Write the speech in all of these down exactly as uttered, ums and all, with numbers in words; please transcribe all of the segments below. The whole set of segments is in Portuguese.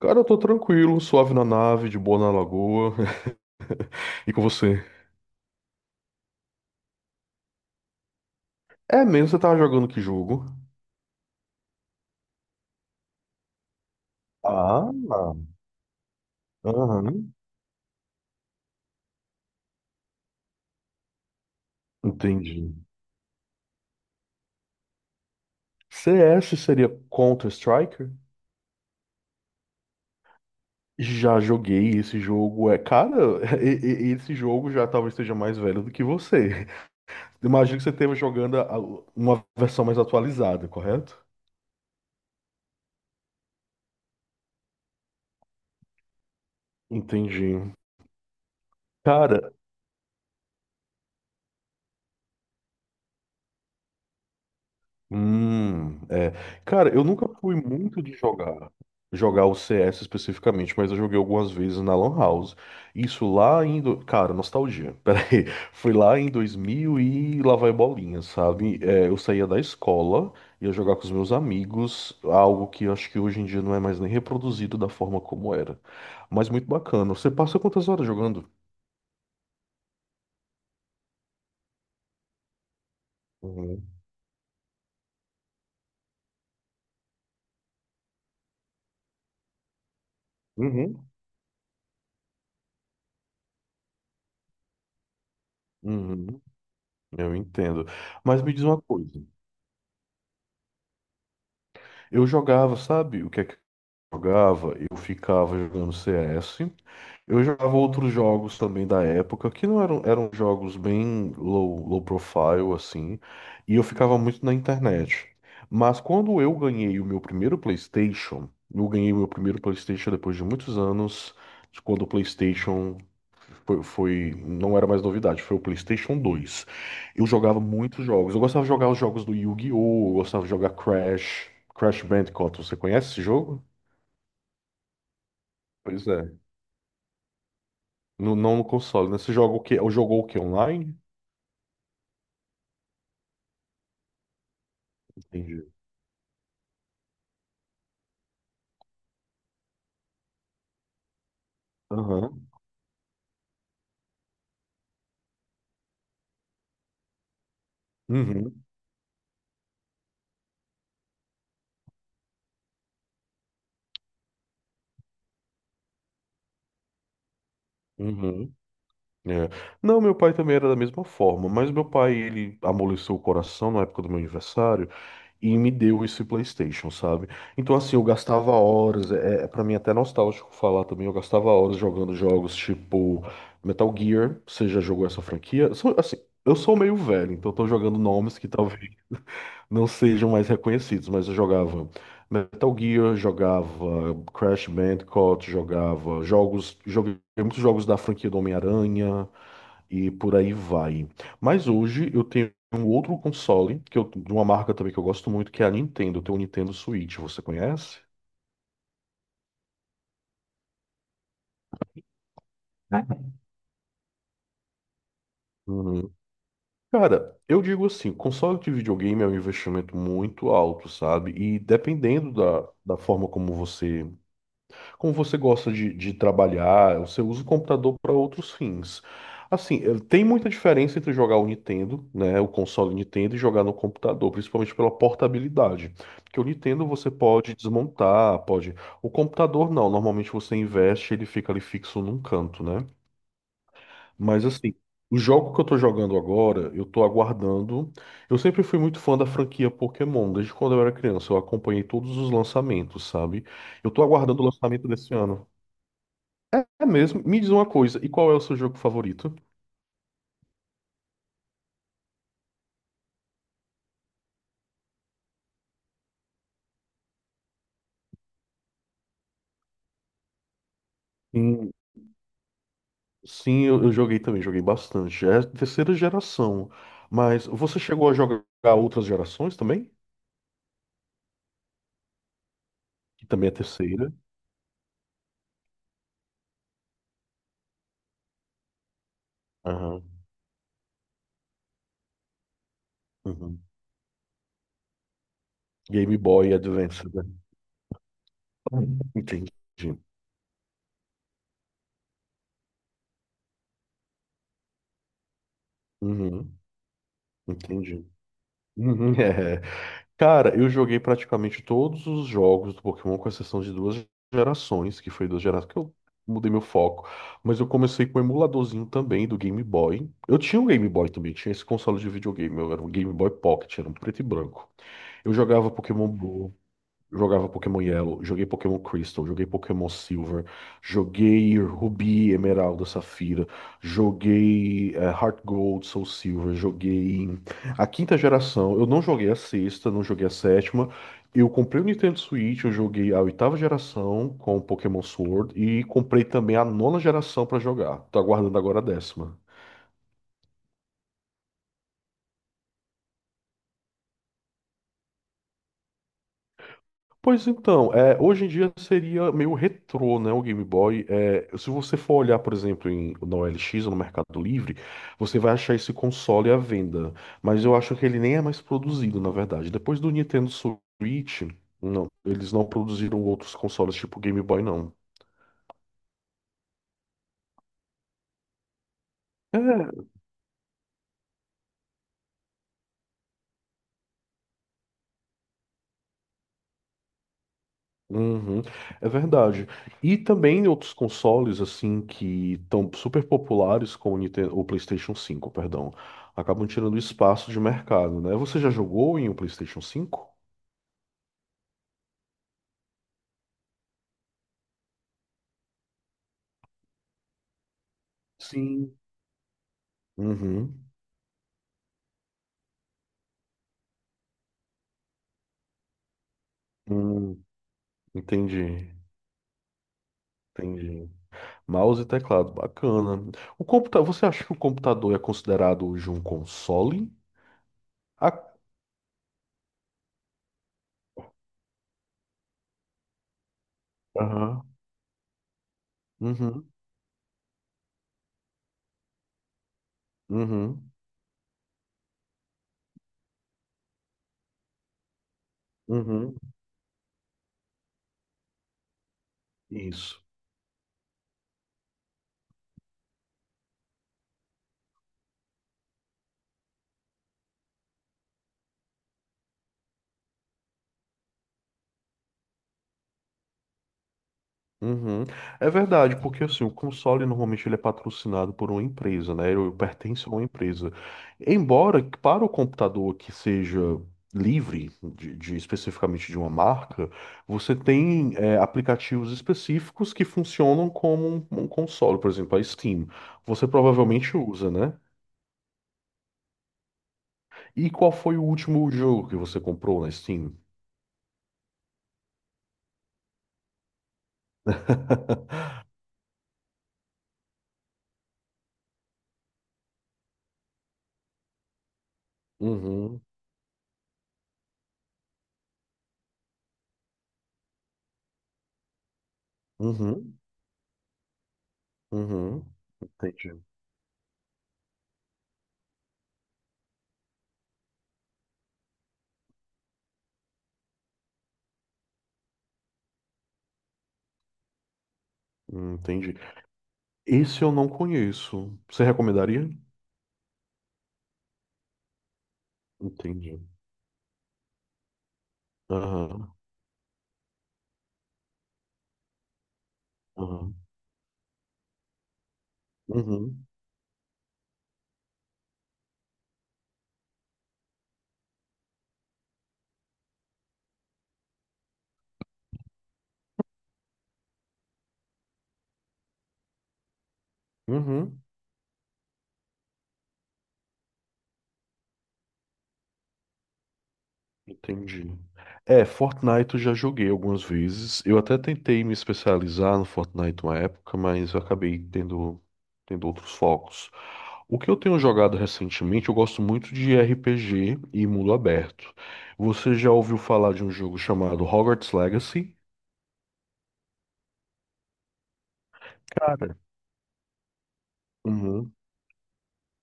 Cara, eu tô tranquilo, suave na nave, de boa na lagoa. E com você? É mesmo, você tava jogando que jogo? Ah, aham. Entendi. C S seria Counter-Strike? Já joguei esse jogo. É, cara, e- e- esse jogo já talvez esteja mais velho do que você. Imagino que você esteve jogando a- uma versão mais atualizada, correto? Entendi. Cara. Hum, é. Cara, eu nunca fui muito de jogar, jogar o C S especificamente, mas eu joguei algumas vezes na Lan House. Isso lá em, do- cara, nostalgia. Pera aí, foi lá em dois mil e lá vai bolinha, sabe? É, eu saía da escola, ia jogar com os meus amigos, algo que eu acho que hoje em dia não é mais nem reproduzido da forma como era. Mas muito bacana. Você passa quantas horas jogando? Uhum. Uhum. Uhum. Eu entendo. Mas me diz uma coisa. Eu jogava, sabe? O que é que jogava, eu ficava jogando C S. Eu jogava outros jogos também da época, que não eram, eram jogos bem low, low profile, assim, e eu ficava muito na internet. Mas quando eu ganhei o meu primeiro PlayStation, eu ganhei o meu primeiro PlayStation depois de muitos anos, de quando o PlayStation foi, foi- não era mais novidade, foi o PlayStation dois. Eu jogava muitos jogos. Eu gostava de jogar os jogos do Yu-Gi-Oh! Eu gostava de jogar Crash, Crash Bandicoot. Você conhece esse jogo? Pois é. No- não no console, né? Você joga o quê? Ou jogou o quê? Online? Entendi. Aham. Uhum. Uhum. É. Não, meu pai também era da mesma forma, mas meu pai, ele amoleceu o coração na época do meu aniversário e me deu esse PlayStation, sabe? Então, assim, eu gastava horas, é, é para mim é até nostálgico falar também, eu gastava horas jogando jogos tipo Metal Gear, você já jogou essa franquia? Sou- assim, eu sou meio velho, então eu tô jogando nomes que talvez não sejam mais reconhecidos, mas eu jogava Metal Gear, jogava Crash Bandicoot, jogava jogos, joguei muitos jogos da franquia do Homem-Aranha e por aí vai. Mas hoje eu tenho um outro console que eu, de uma marca também que eu gosto muito, que é a Nintendo. Eu tenho o Nintendo Switch, você conhece? Ah, uhum. Cara, eu digo assim, console de videogame é um investimento muito alto, sabe? E dependendo da, da forma como você. Como você gosta de, de trabalhar, você usa o computador para outros fins. Assim, eh, tem muita diferença entre jogar o Nintendo, né, o console Nintendo, e jogar no computador, principalmente pela portabilidade. Porque o Nintendo você pode desmontar, pode. O computador não, normalmente você investe, ele fica ali fixo num canto, né? Mas assim, o jogo que eu tô jogando agora, eu tô aguardando. Eu sempre fui muito fã da franquia Pokémon, desde quando eu era criança, eu acompanhei todos os lançamentos, sabe? Eu tô aguardando o lançamento desse ano. É mesmo. Me diz uma coisa, e qual é o seu jogo favorito? Hum. Sim, eu, eu joguei também, joguei bastante. É terceira geração. Mas você chegou a jogar outras gerações também? Que também é terceira. Aham, uhum. Game Boy Advance, né? Entendi. Uhum, entendi. Uhum. Cara, eu joguei praticamente todos os jogos do Pokémon, com exceção de duas gerações, que foi duas gerações que eu mudei meu foco. Mas eu comecei com o emuladorzinho também do Game Boy. Eu tinha um Game Boy também, tinha esse console de videogame, eu era um Game Boy Pocket, era um preto e branco. Eu jogava Pokémon Go. Jogava Pokémon Yellow, joguei Pokémon Crystal, joguei Pokémon Silver, joguei Rubi, Emeralda, Safira, joguei eh, Heart Gold, Soul Silver, joguei a quinta geração. Eu não joguei a sexta, não joguei a sétima. Eu comprei o Nintendo Switch, eu joguei a oitava geração com Pokémon Sword e comprei também a nona geração pra jogar. Tô aguardando agora a décima. Pois então, é, hoje em dia seria meio retrô, né, o Game Boy. É, se você for olhar, por exemplo, em, na O L X ou no Mercado Livre, você vai achar esse console à venda. Mas eu acho que ele nem é mais produzido, na verdade. Depois do Nintendo Switch, não, eles não produziram outros consoles tipo Game Boy, não. Uhum, é verdade. E também em outros consoles assim que estão super populares como o Nintendo, o PlayStation cinco, perdão, acabam tirando espaço de mercado, né? Você já jogou em um PlayStation cinco? Sim. Uhum. Hum, entendi, entendi. Mouse e teclado, bacana. O computa, você acha que o computador é considerado hoje um console? Ah, aham. Uhum, uhum, uhum. Isso. Uhum. É verdade, porque assim, o console normalmente ele é patrocinado por uma empresa, né? Ele pertence a uma empresa. Embora que para o computador que seja livre, de, de- especificamente de uma marca, você tem é, aplicativos específicos que funcionam como um, um console, por exemplo, a Steam. Você provavelmente usa, né? E qual foi o último jogo que você comprou na Steam? Uhum, uhum, uhum. Entendi. Hum, Entendi. Esse eu não conheço. Você recomendaria? Entendi. Aham, aham. Uhum, uhum. Entendi. É, Fortnite eu já joguei algumas vezes. Eu até tentei me especializar no Fortnite uma época, mas eu acabei tendo, tendo outros focos. O que eu tenho jogado recentemente, eu gosto muito de R P G e mundo aberto. Você já ouviu falar de um jogo chamado Hogwarts Legacy? Cara. Uhum,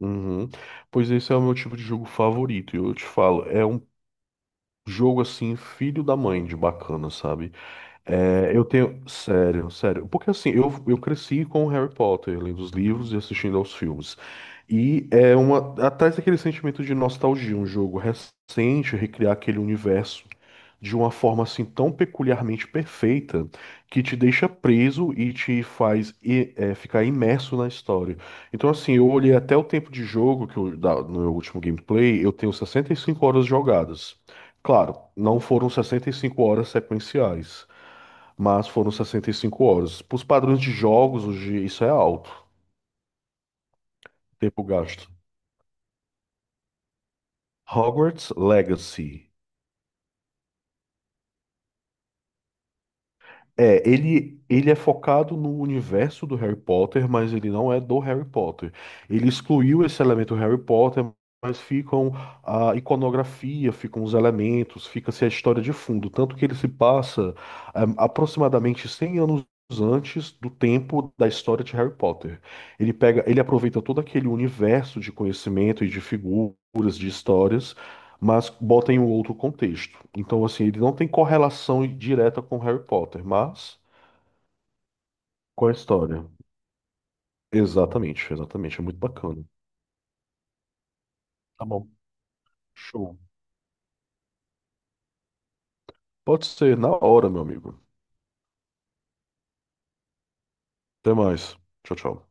uhum. Pois esse é o meu tipo de jogo favorito. E eu te falo, é um jogo assim, filho da mãe de bacana, sabe? É, eu tenho. Sério, sério. Porque assim, eu, eu cresci com o Harry Potter, lendo os livros e assistindo aos filmes. E é uma. Atrás daquele sentimento de nostalgia, um jogo recente, recriar aquele universo de uma forma assim tão peculiarmente perfeita que te deixa preso e te faz i- é, ficar imerso na história. Então, assim, eu olhei até o tempo de jogo que eu, da- no meu último gameplay, eu tenho sessenta e cinco horas jogadas. Claro, não foram sessenta e cinco horas sequenciais, mas foram sessenta e cinco horas. Para os padrões de jogos, hoje isso é alto, tempo gasto. Hogwarts Legacy. É, ele, ele é focado no universo do Harry Potter, mas ele não é do Harry Potter. Ele excluiu esse elemento Harry Potter, mas ficam a iconografia, ficam os elementos, fica-se a história de fundo. Tanto que ele se passa eh, aproximadamente cem anos antes do tempo da história de Harry Potter. Ele pega, ele aproveita todo aquele universo de conhecimento e de figuras, de histórias, mas bota em um outro contexto. Então, assim, ele não tem correlação direta com Harry Potter, mas com a história. Exatamente, exatamente. É muito bacana. Tá bom. Show. Pode ser na hora, meu amigo. Até mais. Tchau, tchau.